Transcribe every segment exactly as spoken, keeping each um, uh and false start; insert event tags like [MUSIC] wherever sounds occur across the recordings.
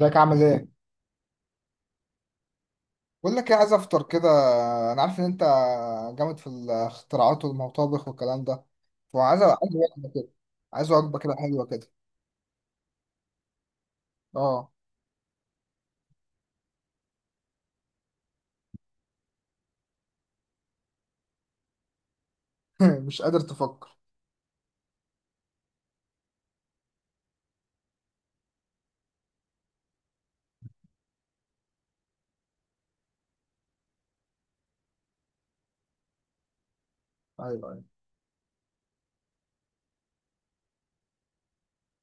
ازيك عامل ايه؟ بقول لك ايه، عايز افطر كده. انا عارف ان انت جامد في الاختراعات والمطابخ والكلام ده. فعايز عايز وجبه كده. عايز وجبه كده حلوه كده. اه. [LAUGHS] مش قادر تفكر؟ ايوه، ايوه.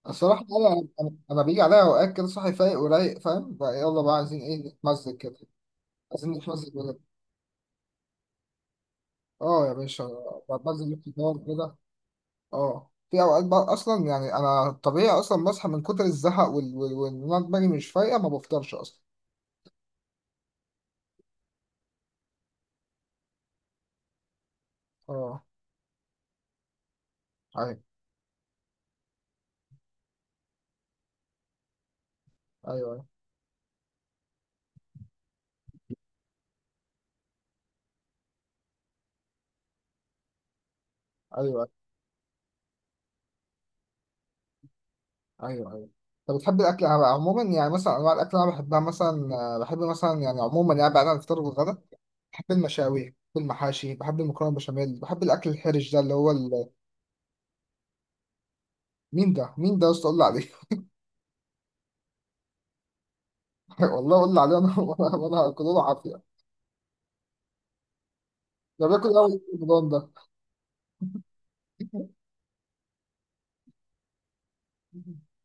الصراحه انا انا أنا بيجي عليا اوقات كده صاحي فايق ورايق، فاهم؟ بقى يلا بقى، عايزين ايه؟ نتمزج كده. عايزين نتمزج بجد. اه يا باشا. بتمزج في الفطار كده. اه، في اوقات بقى اصلا يعني انا طبيعي اصلا بصحى من كتر الزهق وال- وال- وان انا دماغي مش فايقه ما بفطرش اصلا. اه. ايوه، ايوه، أيوة. ايوه، ايوه. ايوه. طب بتحب الاكل عم- عموما؟ يعني مثلا انواع الاكل اللي انا بحبها مثلا، آه، بحب مثلا، يعني عموما يعني بعد عن الفطار والغدا، بحب المشاوي، بحب المحاشي، بحب المكرونه بشاميل، بحب الاكل الحرج ده اللي هو ال... مين ده؟ مين ده يا اسطى؟ قول لي عليه. [LAUGHS] والله قول لي عليه، انا وانا وأنا هاكل له عافيه. ده بياكل قوي رمضان ده.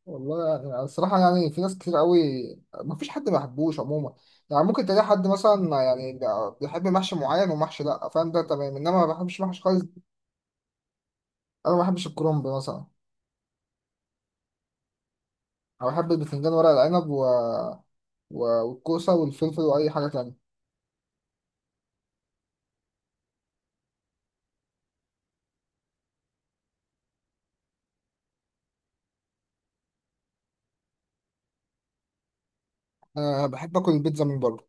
والله يعني الصراحة يعني في ناس كتير قوي ما فيش حد ما بيحبوش عموما. يعني ممكن تلاقي حد مثلا يعني بيحب محشي معين ومحشي لا، فاهم؟ ده تمام، انما ما بحبش محشي خالص. انا ما بحبش الكرنب مثلا. انا بحب البتنجان، ورق العنب، و... و... والكوسه والفلفل واي حاجه تانية. انا بحب اكل البيتزا من بره.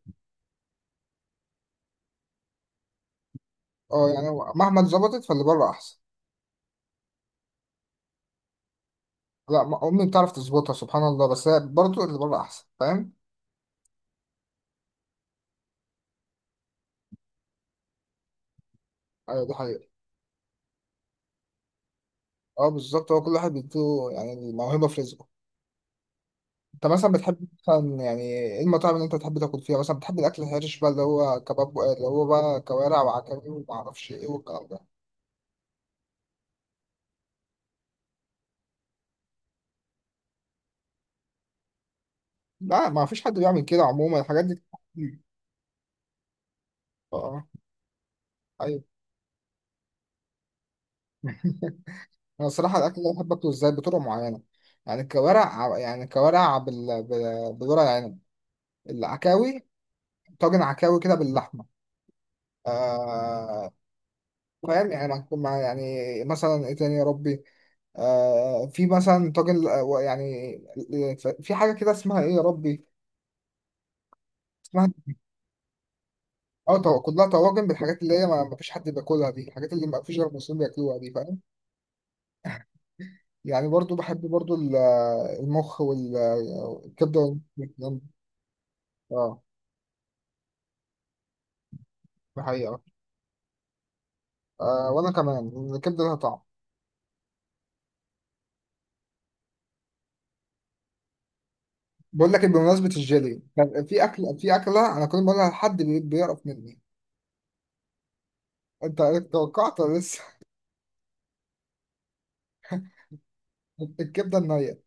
اه يعني هو مهما اتظبطت فاللي بره احسن. لا، ما- امي بتعرف تظبطها سبحان الله، بس هي برضه اللي بره احسن، فاهم؟ ايوه دي حقيقه. اه بالظبط، هو كل واحد بيديله يعني الموهبه في رزقه. انت مثلا بتحب مثلا، يعني ايه المطاعم اللي انت بتحب تاكل فيها مثلا؟ بتحب الاكل الحرش بقى اللي هو كباب، اللي هو بقى كوارع وعكاوي وما اعرفش ايه، والكلام ده. لا ما فيش حد بيعمل كده عموما الحاجات دي. اه. ايوه. [LAUGHS] انا الصراحه الاكل ده بحب اكله ازاي، بطرق معينه. يعني الكوارع يعني الكوارع بال... بال... بالورق العنب، العكاوي، طاجن عكاوي كده باللحمه. آه... فاهم يعني مع... مع- يعني مثلا ايه تاني يا ربي؟ آه... في مثلا طاجن، آه، يعني في حاجه كده اسمها ايه يا ربي؟ اسمها، اه طو... كلها طواجن بالحاجات اللي هي ما ما فيش حد بياكلها دي، الحاجات اللي ما فيش غير المصريين بياكلوها دي، فاهم؟ يعني برضو بحب برضو ال- المخ والكبده والكلام ده. اه دي حقيقة. آه وأنا كمان الكبدة لها طعم. بقول لك إيه، بمناسبة الجيلي، كان في أكل في أكلة أنا كل ما أقولها لحد بي- بيقرف مني. أنت توقعت ولا لسه؟ [LAUGHS] الكبدة النية.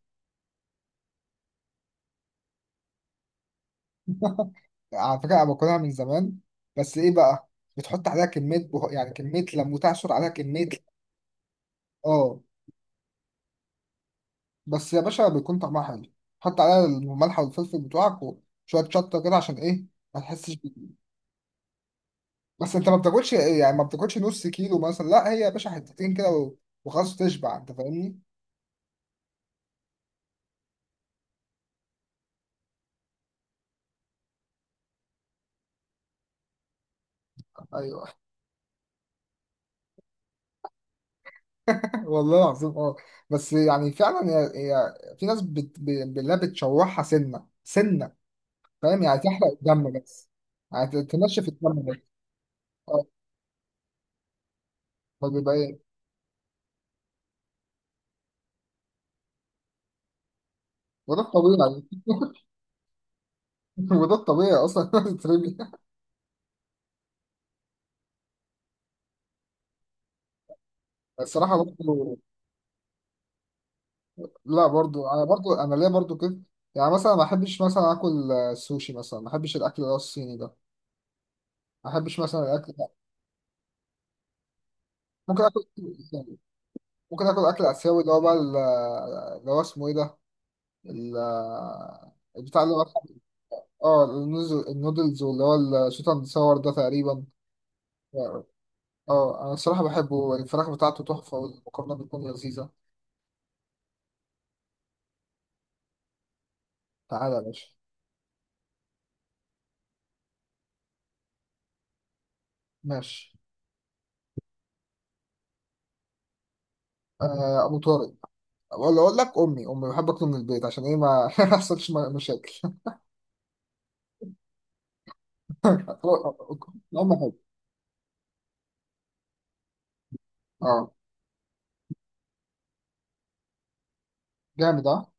على فكرة أنا باكلها من زمان، بس إيه بقى، بتحط عليها كمية بهو... يعني كمية لم، وتعصر عليها كمية. آه. بس يا باشا بيكون طعمها حلو. حط عليها الملح والفلفل بتوعك وشوية شطة كده عشان إيه؟ ما تحسش بيه. بس أنت ما بتاكلش إيه، يعني ما بتاكلش نص كيلو مثلا، لا هي يا باشا حتتين كده و- وخلاص تشبع، أنت فاهمني؟ ايوه. والله العظيم اه. بس يعني فعلا هي، هي في ناس بت... ب- بالله بتشوحها سنه سنه، فاهم؟ يعني تحرق الدم بس. يعني ت- تنشف الدم بس. اه، فبيبقى ايه؟ وده الطبيعي. [LAUGHS] وده الطبيعي اصلا. [LAUGHS] الناس تترمي. الصراحه برضه، لا برضه انا، برضه انا ليا برضه كده. يعني مثلا ما احبش مثلا اكل، آه، سوشي مثلا، ما احبش الاكل اللي هو الصيني ده. ما احبش مثلا الاكل ده. ممكن اكل. ممكن اكل اكل اسيوي، اللي هو بقى ال- اللي هو اسمه ايه ده، ال- البتاع اللي هو، اه النودل- النودلز، واللي هو الشوت اند ساور ده تقريبا. اه انا الصراحه بحبه، الفراخ بتاعته تحفه والمكرونه بتكون لذيذه. تعالى يا باشا. ماشي. آه، ابو طارق. ولا اقول لك امي امي بحب اكل من البيت عشان ايه؟ ما [LAUGHS] ما يحصلش م- مشاكل. [LAUGHS] امي حلو. اه جامد اه.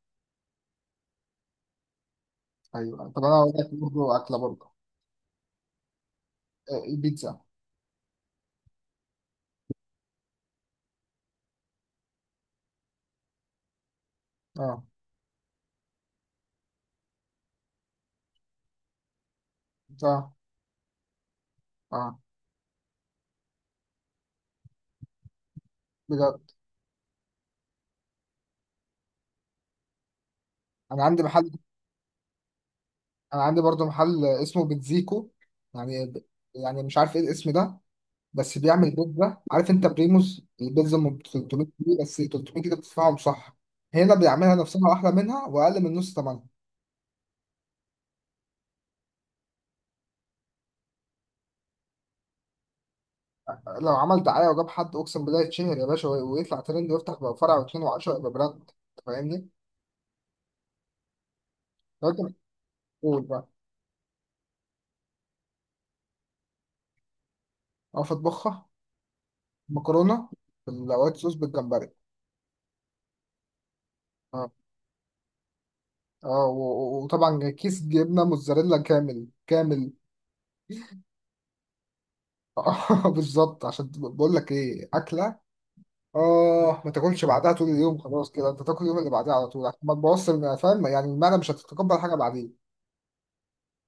ايوه. طب انا اقول لك برضه اكله برضه، آه، البيتزا. اه. اه. اه. بجد، انا عندي محل. انا عندي برضه محل اسمه بيتزيكو، يعني، يعني مش عارف ايه الاسم ده، بس بيعمل بيتزا. عارف انت بريموز البيتزا ام تلتمية جنيه؟ بس تلتمية جنيه بتدفعهم، صح؟ هنا بيعملها نفسها واحلى منها واقل من نص ثمنها. لو عمل دعايه وجاب حد، اقسم بالله يتشهر يا باشا، وي- ويطلع ترند ويفتح بقى فرع واتنين وعشرة يبقى براند. انت فاهمني؟ لو انت بتقول بقى اقف اطبخها؟ مكرونه بالوايت صوص بالجمبري. اه. اه و- و- وطبعا كيس جبنه موتزاريلا كامل كامل. [LAUGHS] اه بالظبط. عشان بقول لك ايه اكله اه، ما تاكلش بعدها طول اليوم، خلاص كده انت تاكل اليوم اللي بعدها على طول عشان ما تبوظش الم- فاهم؟ يعني المعده مش هتتقبل حاجه بعدين.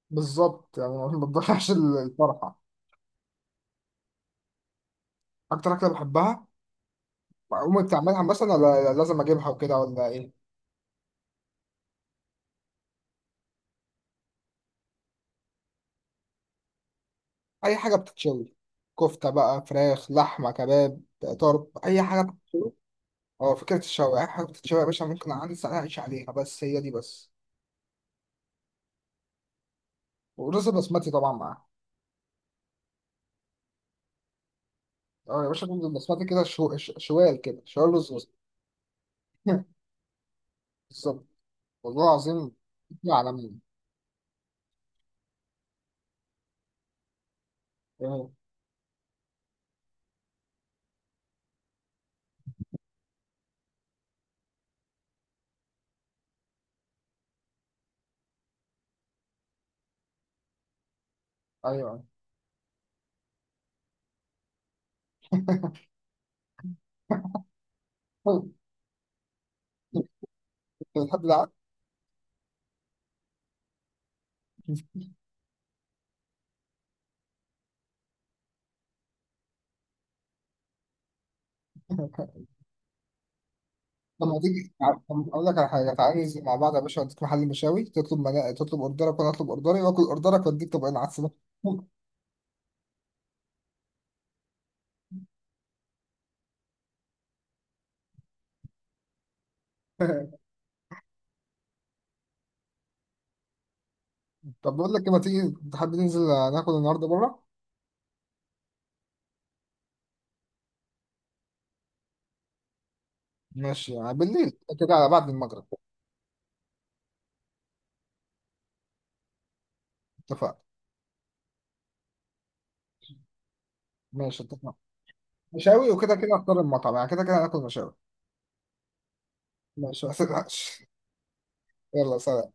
بالظبط، يعني ما تضيعش ال- الفرحه. اكتر اكله بحبها، امي بتعملها مثلا ولا لازم اجيبها وكده ولا ايه؟ اي حاجه بتتشوي، كفته بقى، فراخ، لحمه، كباب، طرب، اي حاجه بتتشوي. اه فكره الشوي، اي حاجه بتتشوي يا باشا ممكن عندي ساعه اعيش عليها، بس هي دي بس. ورز بسمتي طبعا معاها. اه يا باشا، رز بسمتي كده، شو... ش- شوال كده، شوال رز بسمتي. [LAUGHS] بالظبط. والله العظيم. فكرة عالمية. ايه؟ ايوه. [LAUGHS] انت بتحب العك. طب ما تيجي. طب اقول لك على حاجه، تعالى ننزل مع بعض يا باشا. اديك محل مشاوي، تطلب منا... تطلب اوردرك، وانا اطلب اوردري واكل اوردرك واديك طبقين عدس بقى. [LAUGHS] طب بقول لك إيه، ما تيجي تحب ننزل ناكل النهارده بره؟ ماشي، يعني بالليل كده، على بعد المغرب. اتفقنا. ماشي اتفقنا. مشاوي وكده كده، اختار المطعم، يعني كده كده هناكل مشاوي. ماشي ما تقلقش. يلا سلام.